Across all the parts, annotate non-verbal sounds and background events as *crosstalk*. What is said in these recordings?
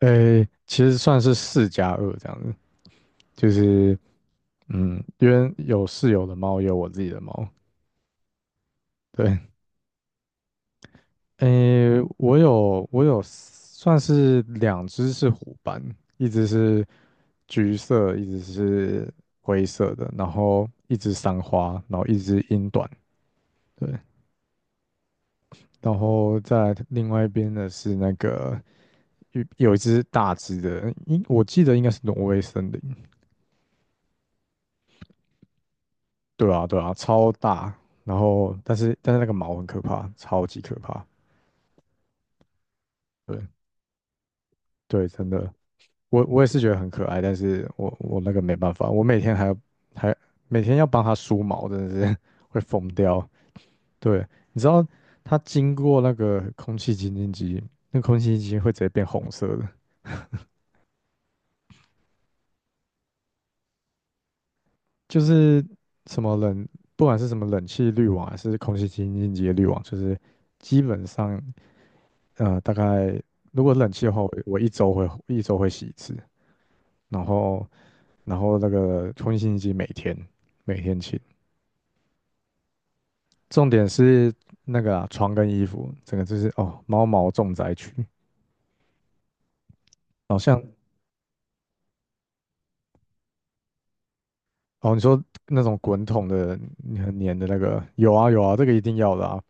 诶，其实算是四加二这样子，就是因为有室友的猫，也有我自己的猫。对，诶，我有算是两只是虎斑，一只是橘色，一只是灰色的，然后一只三花，然后一只英短。对，然后在另外一边的是那个有一只大只的，应我记得应该是挪威森林，对啊，对啊，超大。然后，但是那个毛很可怕，超级可怕。对对，真的，我也是觉得很可爱，但是我那个没办法，我每天还要还每天要帮它梳毛，真的是 *laughs* 会疯掉。对，你知道它经过那个空气清净机，那空气清净机会直接变红色的，就是什么冷，不管是什么冷气滤网还是空气清净机的滤网，就是基本上大概如果冷气的话，我一周会洗一次，然后那个空气清新机每天清，重点是那个啊床跟衣服，整个就是哦猫毛重灾区，好像哦你说那种滚筒的很黏的那个，有啊有啊，这个一定要的啊，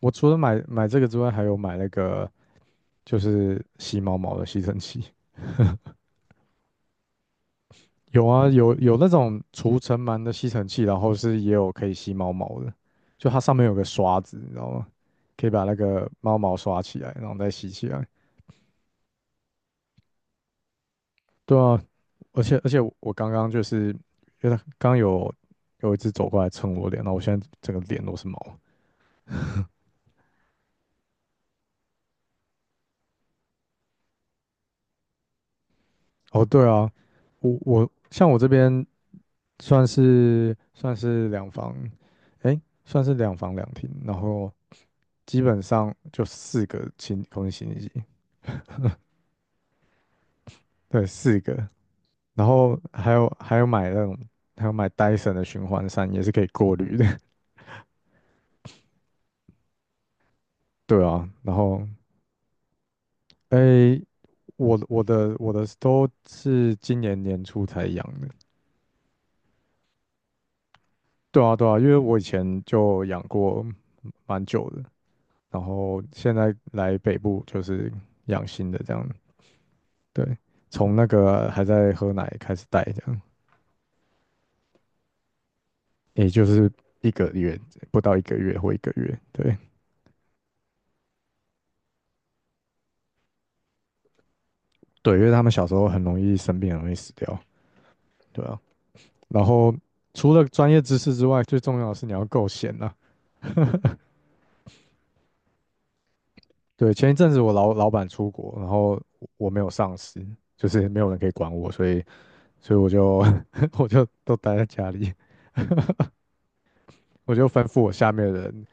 我除了买这个之外，还有买那个就是吸猫毛的吸尘器，有啊，有那种除尘螨的吸尘器，然后是也有可以吸猫毛的，就它上面有个刷子，你知道吗？可以把那个猫毛刷起来，然后再吸起来。对啊，而且我刚刚就是，因为它刚有一只走过来蹭我脸，然后我现在整个脸都是毛。哦，对啊，像我这边算是两房，诶，算是两房两厅，然后基本上就四个清空洗衣机。对，四个，然后还有买那种，还有买 DY 的循环扇，也是可以过滤的。*laughs* 对啊，然后诶，我我的都是今年年初才养的。对啊，对啊，因为我以前就养过蛮久的，然后现在来北部就是养新的这样。对，从那个还在喝奶开始带这样，也就是一个月不到一个月或一个月。对对，因为他们小时候很容易生病，很容易死掉。对啊。然后除了专业知识之外，最重要的是你要够闲啊。对，前一阵子我老板出国，然后我没有上司，就是没有人可以管我，所以我就 *laughs* 我就都待在家里，我就吩咐我下面的人，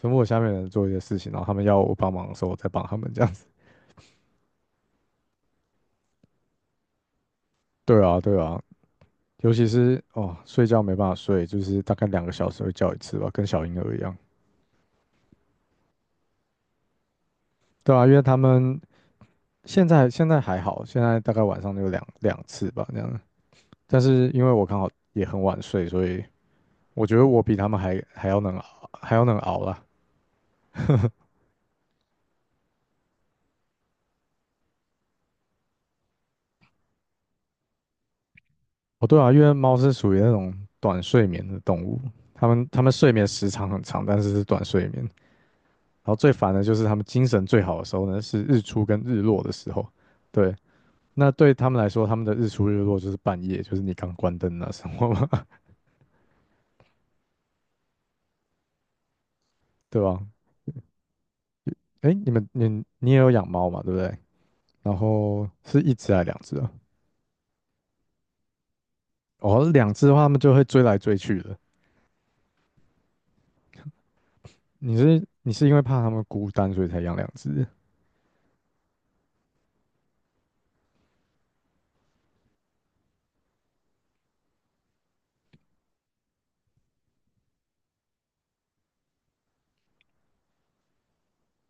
吩咐我下面的人做一些事情，然后他们要我帮忙的时候，我再帮他们这样子。对啊，对啊，尤其是哦，睡觉没办法睡，就是大概2个小时会叫一次吧，跟小婴儿一样。对啊，因为他们现在还好，现在大概晚上就两次吧，这样。但是因为我刚好也很晚睡，所以我觉得我比他们还要能熬，还要能熬啦。哦，对啊，因为猫是属于那种短睡眠的动物，它们睡眠时长很长，但是是短睡眠。然后最烦的就是它们精神最好的时候呢，是日出跟日落的时候。对，那对他们来说，他们的日出日落就是半夜，就是你刚关灯那时候嘛，*laughs* 对吧？哎，你们你你也有养猫嘛，对不对？然后是一只还两只啊？哦，两只的话，它们就会追来追去的。你是因为怕它们孤单，所以才养两只？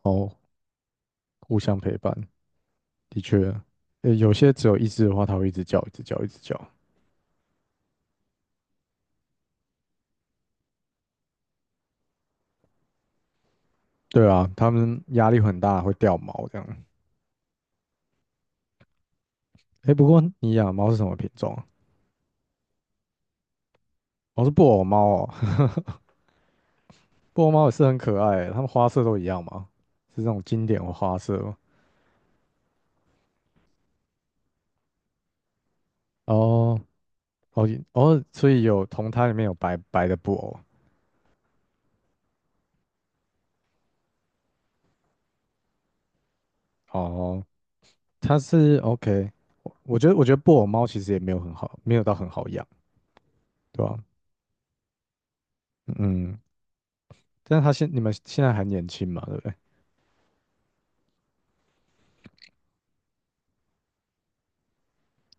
哦，互相陪伴，的确，有些只有一只的话，它会一直叫，一直叫，一直叫。对啊，它们压力很大，会掉毛这样。哎，不过你养的猫是什么品种啊？哦，是布偶猫哦，*laughs* 布偶猫也是很可爱欸，它们花色都一样吗？是那种经典的花色吗？哦哦哦，所以有同胎里面有白白的布偶。哦，它是 OK，我觉得布偶猫其实也没有很好，没有到很好养。对吧？嗯，但你们现在还年轻嘛，对不对？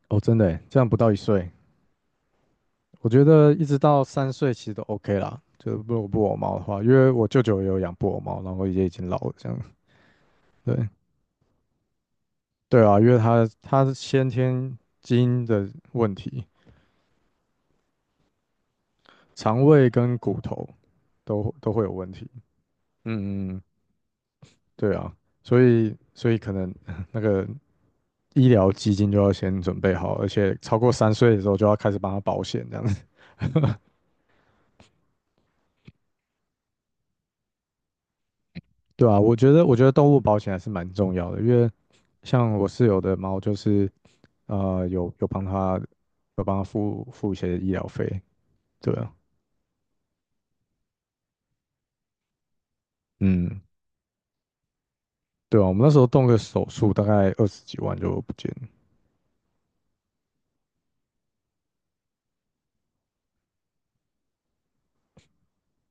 哦，真的耶，这样不到一岁，我觉得一直到三岁其实都 OK 啦。就是如果布偶猫的话，因为我舅舅也有养布偶猫，然后也已经老了，这样。对对啊，因为他是先天基因的问题，肠胃跟骨头都会有问题。嗯嗯，嗯对啊，所以可能 *laughs* 那个医疗基金就要先准备好，而且超过三岁的时候就要开始帮他保险这样子。*laughs* 对啊，我觉得动物保险还是蛮重要的，因为像我室友的猫就是呃有有帮它有帮它付一些医疗费，对啊，嗯，对啊，我们那时候动个手术大概二十几万就不见了，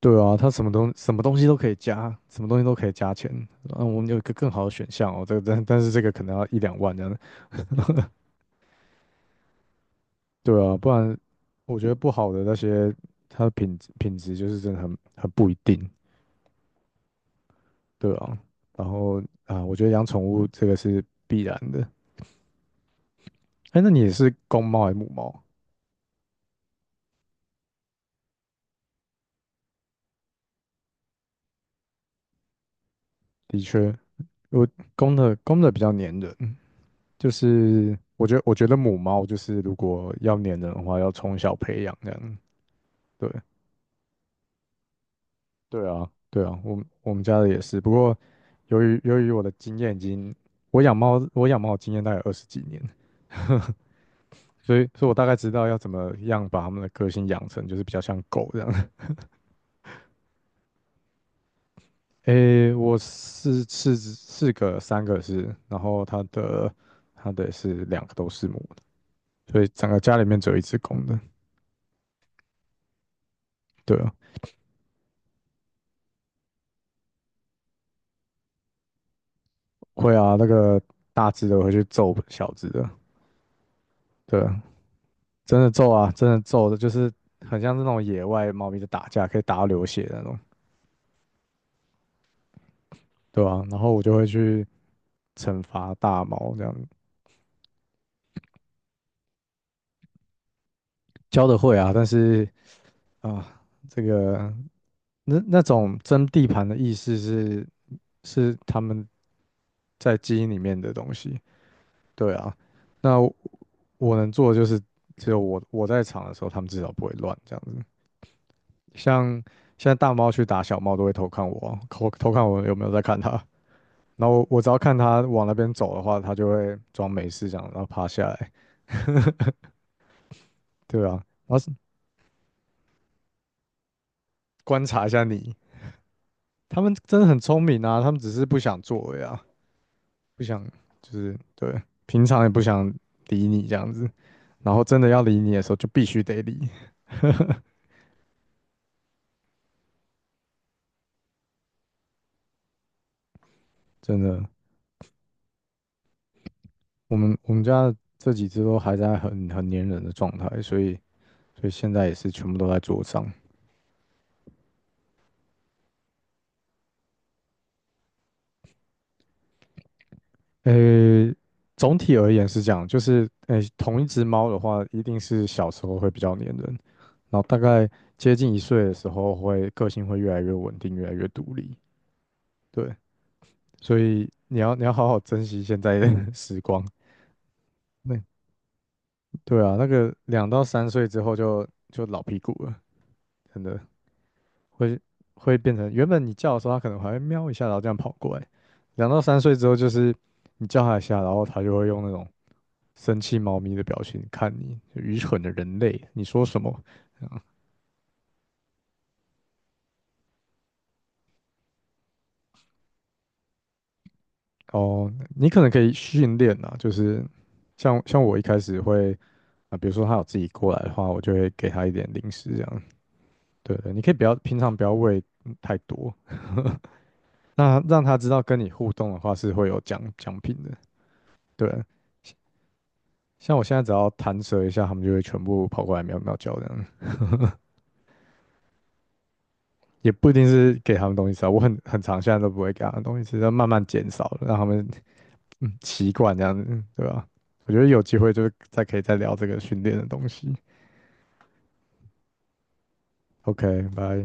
对啊，它什么东西都可以加，什么东西都可以加钱，嗯，我们有一个更好的选项哦，这个但是这个可能要一两万这样的，*laughs* 对啊，不然我觉得不好的那些它的品质就是真的很不一定，对啊，然后啊，我觉得养宠物这个是必然的。哎，那你也是公猫还是母猫？的确，我公的比较粘人，就是我觉得母猫就是如果要粘人的话，要从小培养这样。对对啊，对啊，我们家的也是，不过由于我的经验已经，我养猫的经验大概二十几年，*laughs* 所以我大概知道要怎么样把它们的个性养成，就是比较像狗这样。诶，我是四个，三个是，然后它的也是两个都是母的，所以整个家里面只有一只公的。对啊，会啊，那个大只的会去揍小只的，对啊，真的揍啊，真的揍的，就是很像是那种野外猫咪在打架，可以打到流血的那种，对啊，然后我就会去惩罚大猫这样，教的会啊，但是啊，这个。那那种争地盘的意思是是他们在基因里面的东西，对啊。那我能做的就是，只有我在场的时候，他们至少不会乱这样子。像现在大猫去打小猫，都会偷偷看我有没有在看它。然后我只要看它往那边走的话，它就会装没事这样，然后趴下来，对啊。然后是观察一下你，他们真的很聪明啊，他们只是不想做而已啊。不想，就是对，平常也不想理你这样子，然后真的要理你的时候就必须得理，*laughs* 真的，我们家这几只都还在很粘人的状态，所以现在也是全部都在桌上。呃，总体而言是这样，就是同一只猫的话，一定是小时候会比较粘人，然后大概接近一岁的时候会个性会越来越稳定，越来越独立，对，所以你要好好珍惜现在的 *laughs* 时光。那对啊，那个两到三岁之后就老屁股了，真的会变成原本你叫的时候，它可能还会喵一下，然后这样跑过来。两到三岁之后，就是你叫它一下，然后它就会用那种生气猫咪的表情看你，就愚蠢的人类，你说什么？这样哦，你可能可以训练啊，就是像我一开始会啊、比如说它有自己过来的话，我就会给它一点零食这样。对对，你可以不要平常不要喂太多，那让他知道跟你互动的话是会有奖品的，对。像我现在只要弹舌一下，他们就会全部跑过来喵喵叫这样，也不一定是给他们东西吃啊，我很常现在都不会给他们东西吃，要慢慢减少，了，让他们习惯这样子，对吧？我觉得有机会就是再可以再聊这个训练的东西。OK，拜。